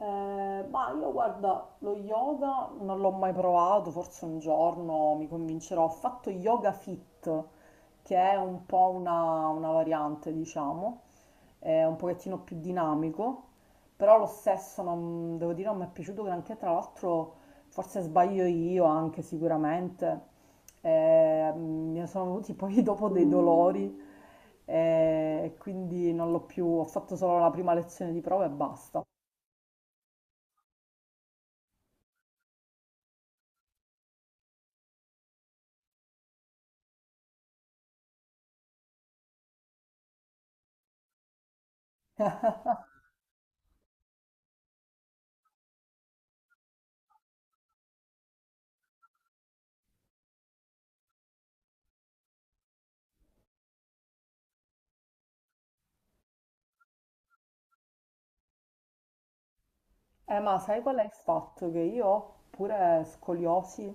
Ma io guarda, lo yoga non l'ho mai provato, forse un giorno mi convincerò. Ho fatto yoga fit, che è un po' una variante, diciamo, è un pochettino più dinamico, però lo stesso non, devo dire non mi è piaciuto granché, tra l'altro forse sbaglio io anche sicuramente. Mi sono venuti poi dopo dei dolori, e quindi non l'ho più, ho fatto solo la prima lezione di prova e basta. Ma sai qual è il fatto? Che io ho pure scoliosi,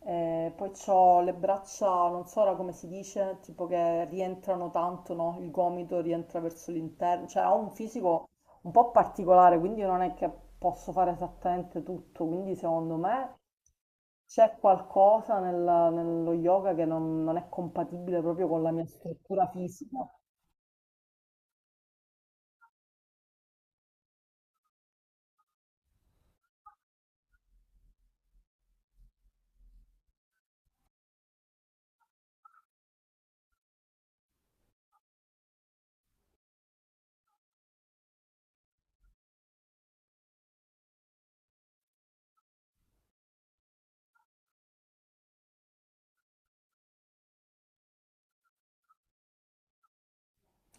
poi ho le braccia, non so ora come si dice, tipo che rientrano tanto, no? Il gomito rientra verso l'interno, cioè ho un fisico un po' particolare, quindi non è che posso fare esattamente tutto, quindi secondo me c'è qualcosa nello yoga che non è compatibile proprio con la mia struttura fisica.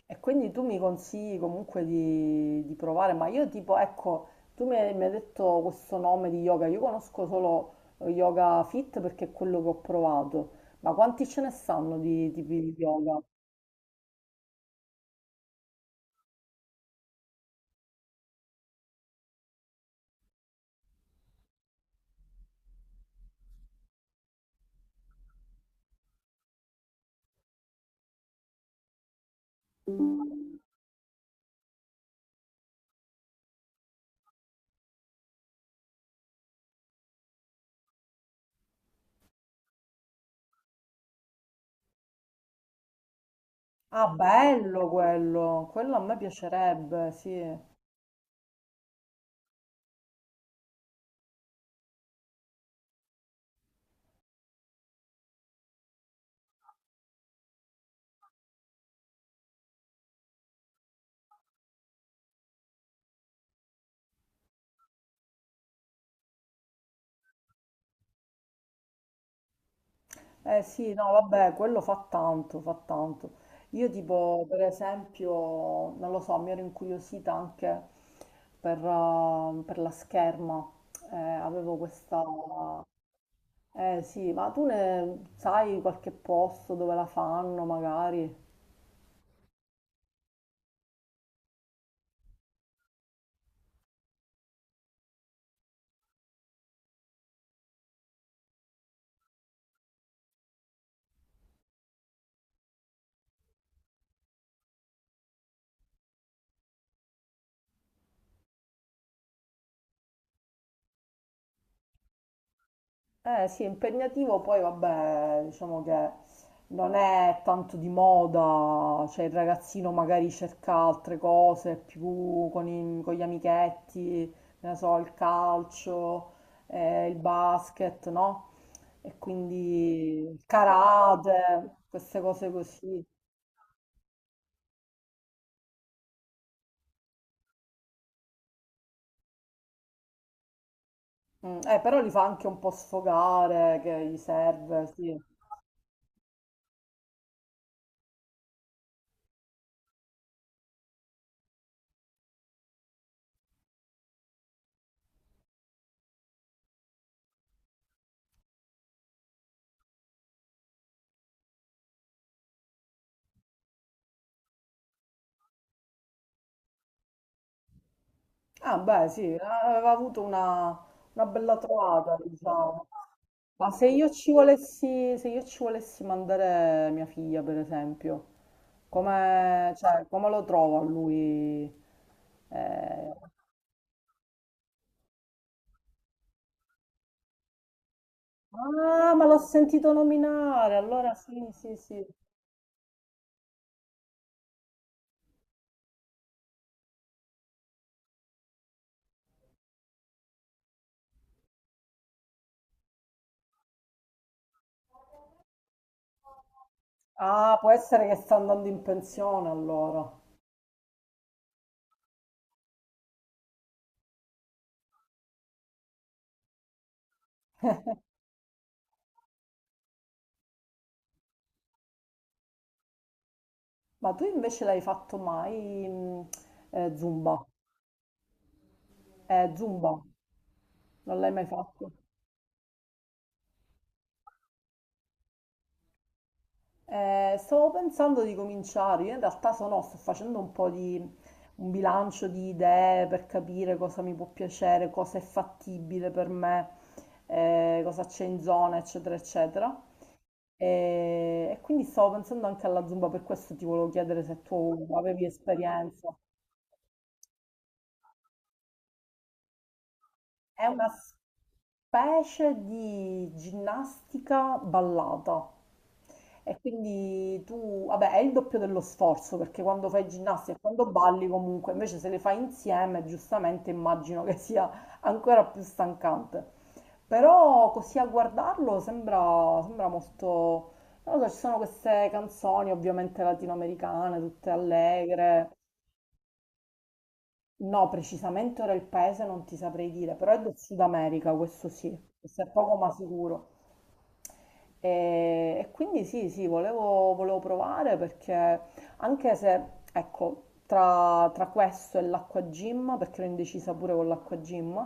E quindi tu mi consigli comunque di provare, ma io tipo, ecco, tu mi hai detto questo nome di yoga, io conosco solo Yoga Fit perché è quello che ho provato, ma quanti ce ne sanno di tipi di yoga? Ah, bello quello, quello a me piacerebbe, sì. Eh sì, no, vabbè, quello fa tanto, fa tanto. Io tipo, per esempio, non lo so, mi ero incuriosita anche per la scherma. Avevo questa. Eh sì, ma tu ne sai qualche posto dove la fanno magari? Eh sì, è impegnativo, poi vabbè, diciamo che non è tanto di moda, cioè il ragazzino magari cerca altre cose più con gli amichetti, che ne so, il calcio, il basket, no? E quindi il karate, queste cose così. Però li fa anche un po' sfogare, che gli serve, sì. Ah, beh, sì, aveva avuto una bella trovata, diciamo. Ma se io ci volessi mandare mia figlia, per esempio, come, cioè, come lo trovo a lui? Eh, Ah, ma l'ho sentito nominare, allora sì, sì, sì. Ah, può essere che sta andando in pensione allora. Ma tu invece l'hai fatto mai, Zumba? Zumba, non l'hai mai fatto? Stavo pensando di cominciare, io in realtà sto facendo un po' di un bilancio di idee per capire cosa mi può piacere, cosa è fattibile per me, cosa c'è in zona, eccetera, eccetera. E quindi stavo pensando anche alla Zumba, per questo ti volevo chiedere se tu avevi esperienza. È una specie di ginnastica ballata. E quindi tu, vabbè, è il doppio dello sforzo perché quando fai ginnastica e quando balli comunque, invece se le fai insieme, giustamente immagino che sia ancora più stancante. Però così a guardarlo sembra, sembra molto. Non lo so, ci sono queste canzoni ovviamente latinoamericane, tutte allegre. No, precisamente ora il paese non ti saprei dire, però è del Sud America, questo sì, questo è poco ma sicuro. E quindi sì, sì, volevo, provare perché anche se, ecco, tra questo e l'acqua gym, perché ero indecisa pure con l'acqua gym,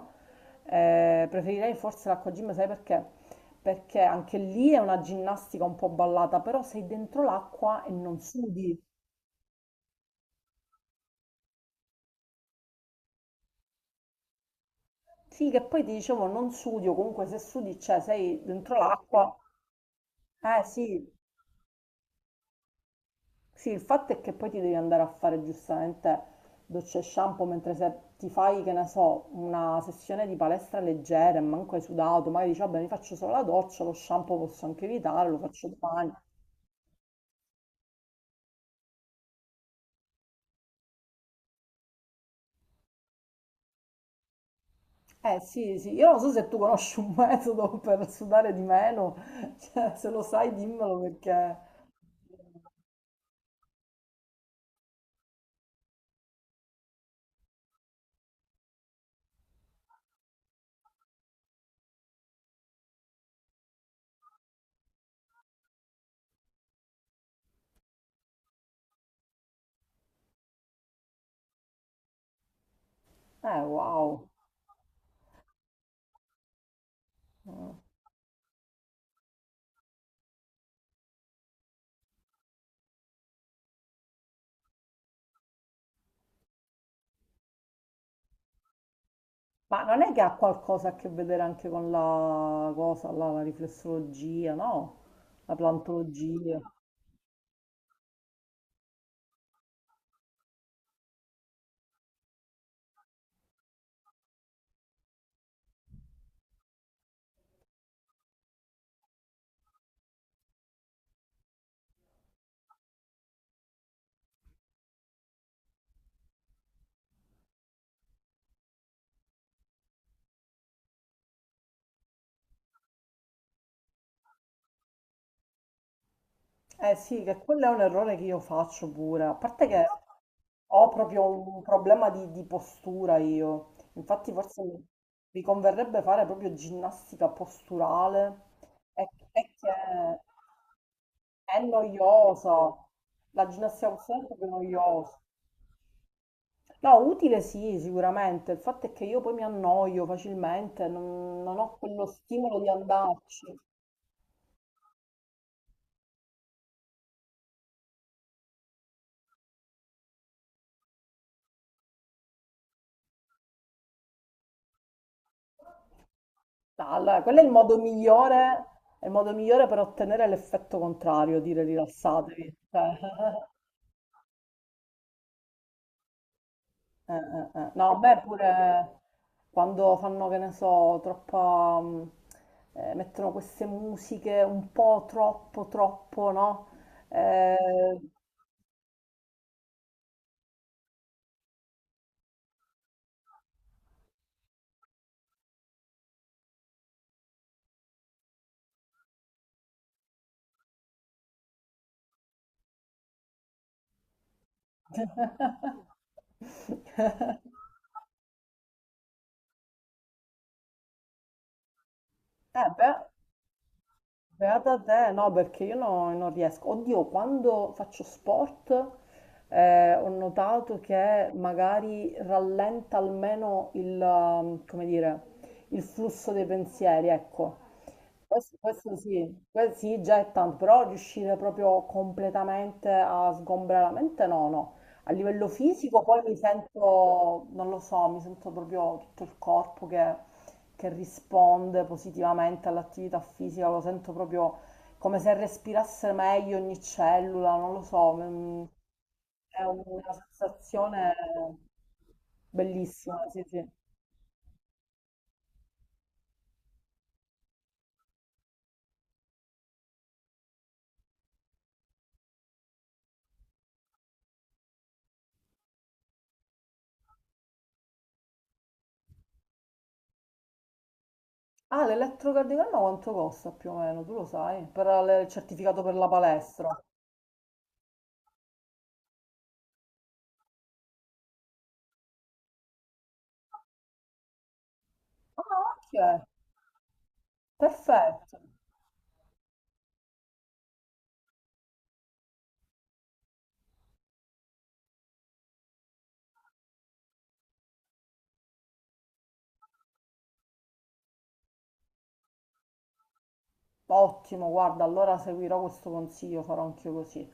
preferirei forse l'acqua gym, sai perché? Perché anche lì è una ginnastica un po' ballata, però sei dentro l'acqua e non sudi. Sì, che poi ti dicevo non sudi, o comunque se sudi, cioè sei dentro l'acqua. Eh sì, sì, il fatto è che poi ti devi andare a fare giustamente docce e shampoo mentre se ti fai, che ne so, una sessione di palestra leggera e manco hai sudato, magari dici, vabbè, mi faccio solo la doccia, lo shampoo posso anche evitare, lo faccio domani. Eh sì, sì, io non so se tu conosci un metodo per sudare di meno, cioè, se lo sai dimmelo perché. Wow. Ma non è che ha qualcosa a che vedere anche con la cosa, là, la riflessologia, no? La plantologia. Eh sì, che quello è un errore che io faccio pure, a parte che ho proprio un problema di postura io, infatti forse mi converrebbe fare proprio ginnastica posturale, è che è noiosa, la ginnastica posturale è proprio noiosa. No, utile sì, sicuramente, il fatto è che io poi mi annoio facilmente, non ho quello stimolo di andarci. No, allora, quello è il modo migliore per ottenere l'effetto contrario, dire rilassatevi. Cioè. No, beh, pure quando fanno, che ne so, troppa, mettono queste musiche un po' troppo, troppo, no? Eh, eh, beh, beata te, no, perché io non riesco. Oddio, quando faccio sport, ho notato che magari rallenta almeno il, come dire, il flusso dei pensieri, ecco. Questo sì, sì, già è tanto, però riuscire proprio completamente a sgombrare la mente, no, no. A livello fisico poi mi sento, non lo so, mi sento proprio tutto il corpo che risponde positivamente all'attività fisica, lo sento proprio come se respirasse meglio ogni cellula, non lo so, è una sensazione bellissima, sì, sì. Ah, l'elettrocardiogramma quanto costa più o meno? Tu lo sai? Per il certificato per la palestra. Ah, ok, perfetto. Ottimo, guarda, allora seguirò questo consiglio, farò anch'io così.